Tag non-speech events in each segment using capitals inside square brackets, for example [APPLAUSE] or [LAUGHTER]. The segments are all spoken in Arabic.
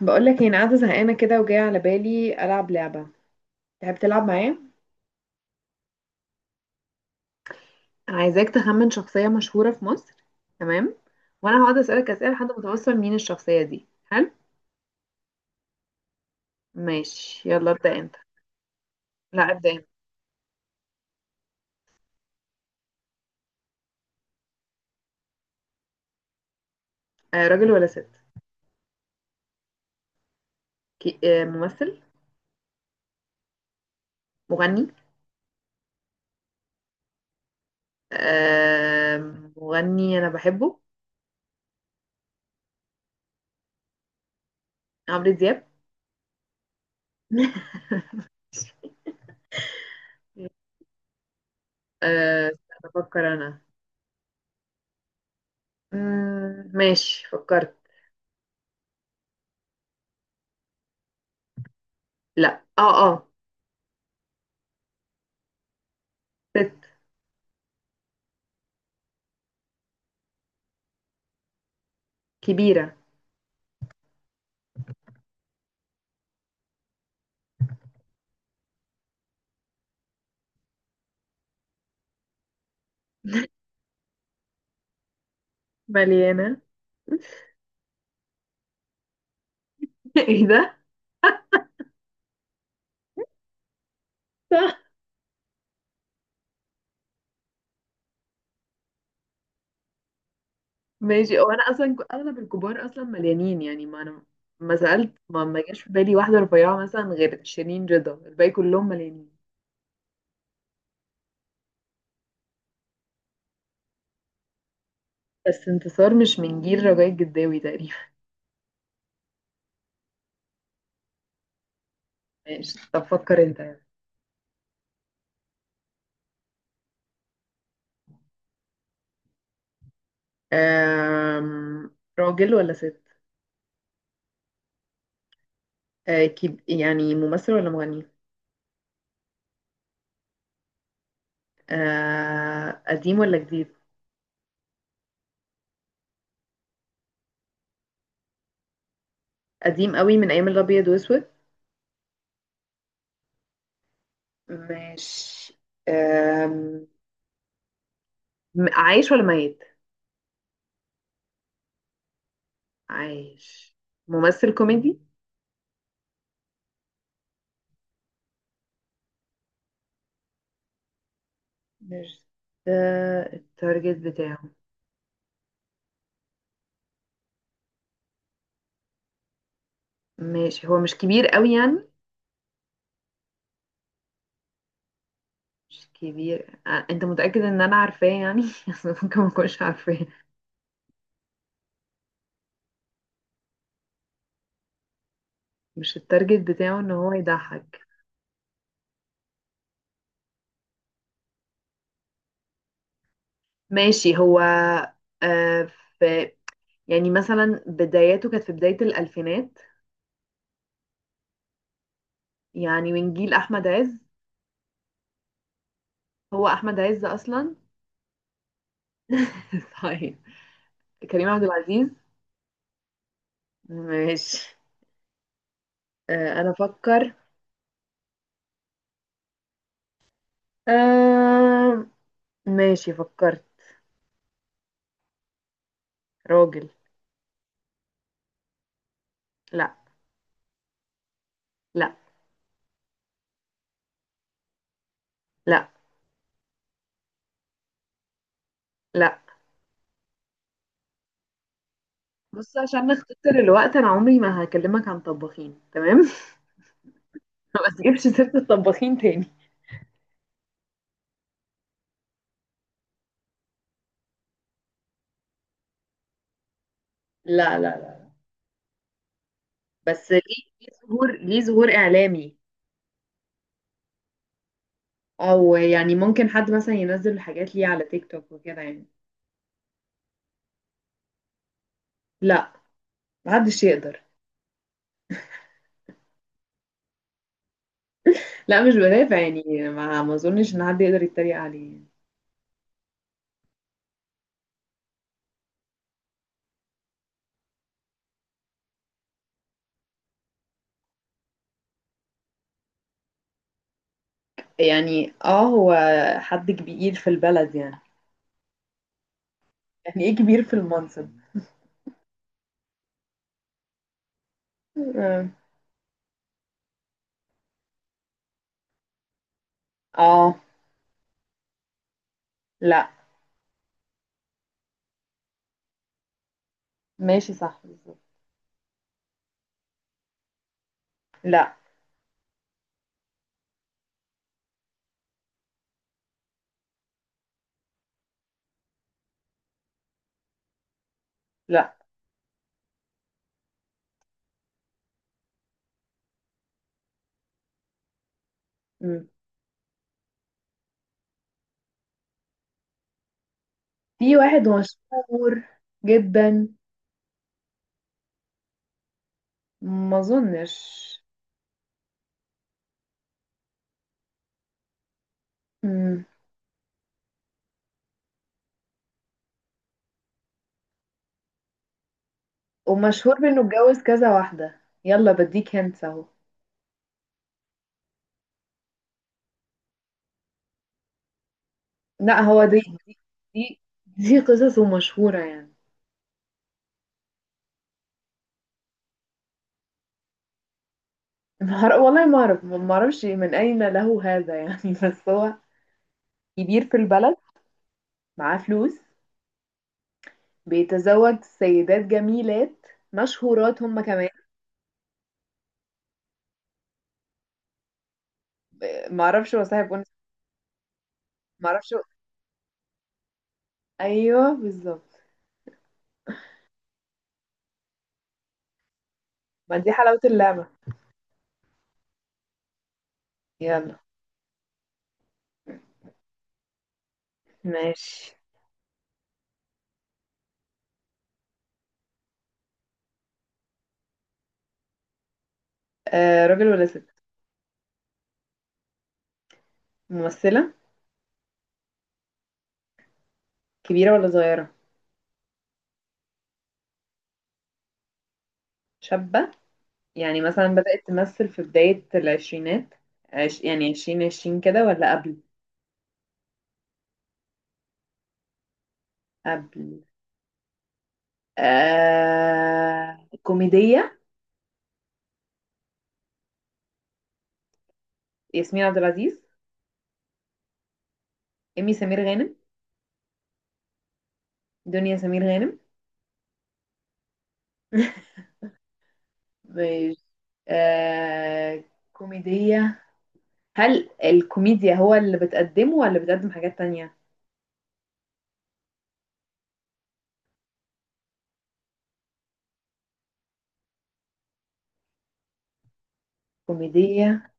بقول لك انا قاعده زهقانه كده وجايه على بالي العب لعبه. تحب تلعب معايا؟ عايزاك تخمن شخصيه مشهوره في مصر. تمام. وانا هقعد اسالك اسئله لحد ما توصل مين الشخصيه دي. حلو؟ ماشي. يلا ابدا انت. لا، ابدا انت. راجل ولا ست؟ كي... آه ممثل؟ مغني؟ آه مغني انا بحبه. عمرو دياب. [LAUGHS] استنى افكر انا. ماشي فكرت. لا، اه. ست. كبيره. مليانه. [LAUGHS] ايه ده؟ ماشي، هو انا اصلا اغلب الكبار اصلا مليانين يعني. ما انا ما سالت، ما جاش في بالي واحده رفيعه مثلا غير شيرين رضا. الباقي كلهم مليانين. بس انتصار مش من جيل رجاء الجداوي تقريبا. [LAUGHS] ماشي، طب فكر انت يعني. راجل ولا ست؟ يعني ممثل ولا مغني؟ قديم ولا جديد؟ قديم قوي من ايام الابيض واسود؟ ماشي. أم... عايش ولا ميت؟ عايش. ممثل كوميدي؟ مش ده التارجت بتاعه. ماشي، هو مش كبير قوي يعني؟ مش كبير. آه، انت متأكد ان انا عارفاه يعني؟ [LAUGHS] اصل ممكن ما اكونش عارفاه. مش التارجت بتاعه ان هو يضحك؟ ماشي. هو آه في يعني مثلا بداياته كانت في بداية الألفينات. يعني من جيل أحمد عز؟ هو أحمد عز أصلا؟ [LAUGHS] طيب. كريم عبد العزيز؟ ماشي. أنا أفكر. آه ماشي فكرت. راجل. لا. لا. لا. لا. بص، عشان نختصر الوقت، انا عمري ما هكلمك عن طباخين. تمام؟ [LAUGHS] ما تجيبش سيرة الطباخين تاني. لا لا لا. بس ليه؟ ليه ظهور؟ ليه ظهور اعلامي؟ او يعني ممكن حد مثلا ينزل حاجات ليه على تيك توك وكده يعني؟ لا، محدش يقدر. لا، مش بدافع يعني. ما اظنش ان حد يقدر يتريق عليه. يعني هو حد كبير في البلد يعني. يعني ايه كبير في المنصب؟ اه. آه، لا. ماشي صح بالظبط. لا لا. في واحد مشهور جدا. ما اظنش. مم. ومشهور بانه اتجوز كذا واحده. يلا بديك هنت اهو. لا، هو دي. دي دي, دي قصصه مشهوره يعني. ما أعرف- والله ما اعرف، ما اعرفش من اين له هذا يعني. [LAUGHS] بس هو كبير في البلد، معاه فلوس، بيتزوج سيدات جميلات، مشهورات هم كمان. آه، ما اعرفش. هو صاحب أنثى. ما اعرفش هو- ايوه بالظبط. ما دي حلاوه اللعبه. يلا. ماشي. راجل ولا ست؟ ممثلة. كبيرة ولا صغيرة؟ شابة. يعني مثلا بدأت تمثل في بداية العشرينات. يعني 2020 كده ولا قبل؟ قبل. كوميدية. ياسمين عبد العزيز؟ إيمي سمير غانم؟ دنيا سمير غانم؟ [LAUGHS] مش آه كوميدية. هل الكوميديا هو اللي بتقدمه ولا بتقدم حاجات تانية؟ كوميدية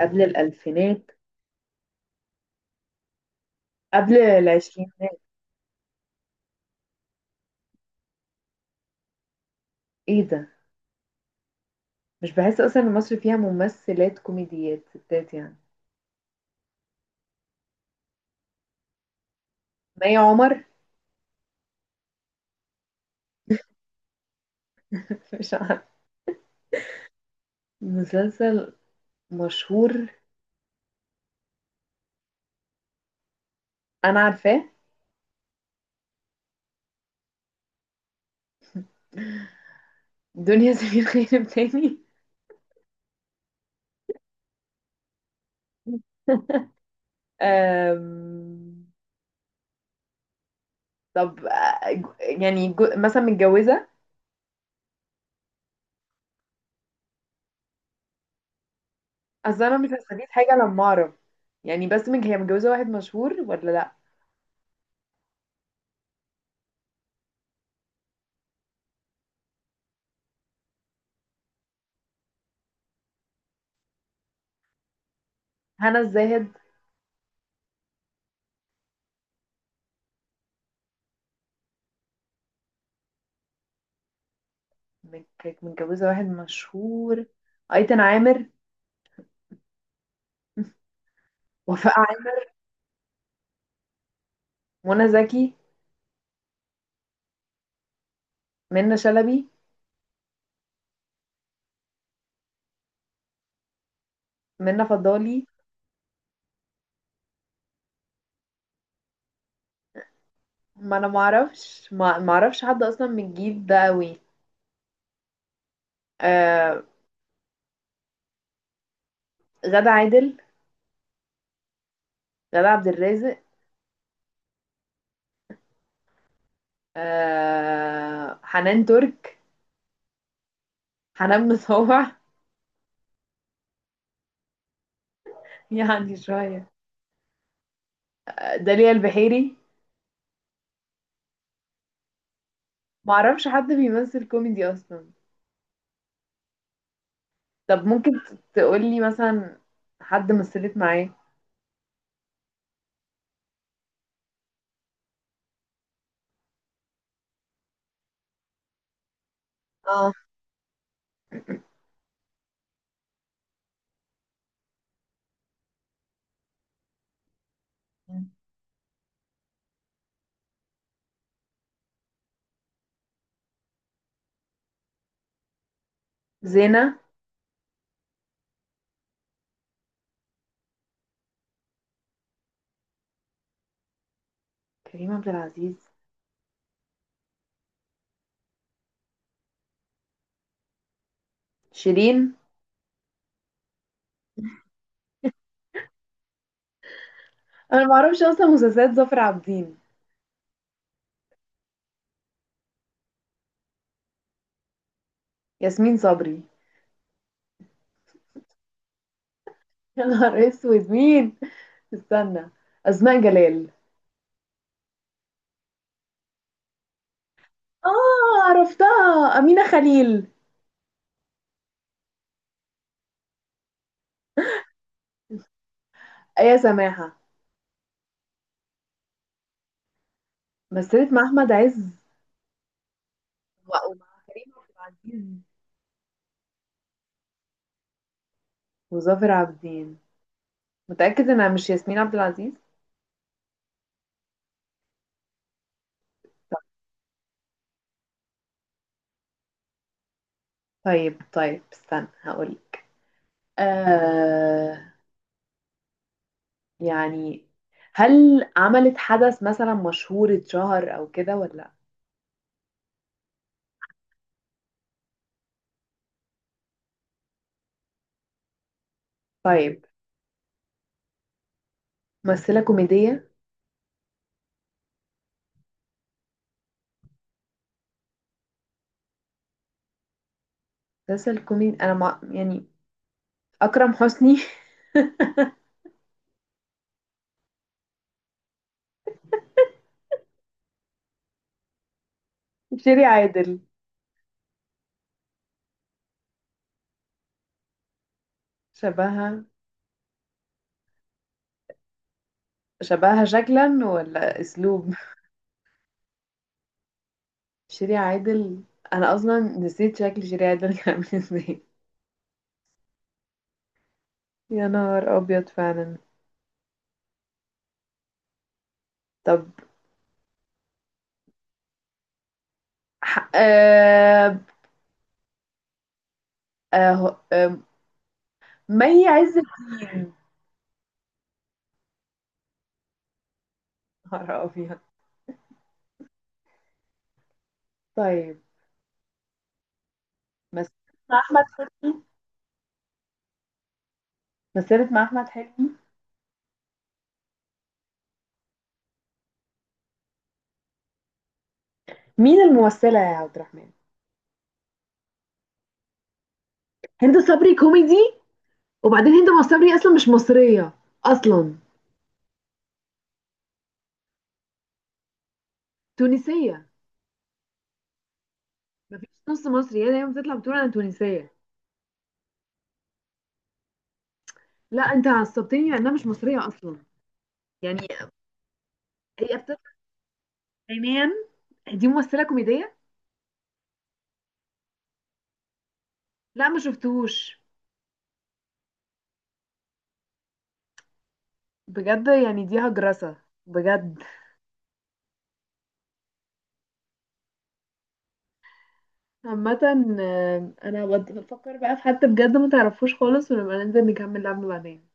قبل الألفينات. قبل العشرينات. ايه ده؟ مش بحس اصلا ان مصر فيها ممثلات كوميديات ستات يعني. مي عمر؟ [LAUGHS] مش عارف. مسلسل مشهور انا عارفاه. دنيا سمير غانم تاني. أم... طب آه، مثلا متجوزة. اصل انا مش هستفيد حاجة لما اعرف. يعني بس من هي متجوزة واحد مشهور ولا لا؟ هنا الزاهد؟ كانت متجوزة واحد مشهور. ايتن عامر؟ وفاء عامر؟ منى زكي؟ منى شلبي؟ منى فضالي؟ ما انا معرفش. ما اعرفش حد اصلا من الجيل ده قوي. آه. غادة عادل؟ غادة عبد الرازق؟ حنان ترك؟ حنان مطاوع؟ [LAUGHS] يعني شوية. آه، داليا البحيري؟ ما اعرفش حد بيمثل كوميدي اصلا. طب ممكن تقولي مثلا حد مثلت معاه؟ اه. زينة؟ كريم عبد العزيز. شيرين؟ انا ما اعرفش اصلا مسلسلات ظافر عابدين. ياسمين صبري؟ [LAUGHS] يا نهار اسود مين. استنى. اسماء جلال؟ اه عرفتها، أمينة خليل؟ يا سماحة. مثلت مع أحمد عز ومع كريم عبد العزيز وظافر عابدين. متأكد إنها مش ياسمين عبد العزيز؟ طيب طيب طيب، استنى هقولك. آه يعني هل عملت حدث مثلا مشهور، اتشهر أو كده ولا لأ؟ طيب، ممثلة كوميدية. مسلسل كوميدي. يعني أكرم حسني؟ [LAUGHS] شيري عادل؟ شبهها. شبهها شكلا ولا أسلوب؟ شيري عادل. انا اصلا نسيت شكل شيري عادل كان عامل ازاي. يا نهار ابيض فعلا. طب. ح... آه... آه... آه... ما هي عز الدين. نهار ابيض. طيب. مسيرة مع احمد حلمي. مسيرة مع احمد حلمي. مين الممثلة يا عبد الرحمن؟ هند صبري؟ كوميدي؟ وبعدين هند صبري اصلا مش مصريه اصلا، تونسيه. مفيش نص مصري، هي دايما بتطلع بتقول انا تونسيه. لا انت عصبتني لانها مش مصريه اصلا يعني. هي بت- عينيا. دي ممثلة كوميدية؟ لا ما شفتهوش. بجد يعني دي هجرسة. بجد. عامة، آه، انا بفكر بقى في حد بجد ما تعرفوش خالص، ونبقى ننزل نكمل لعبنا بعدين.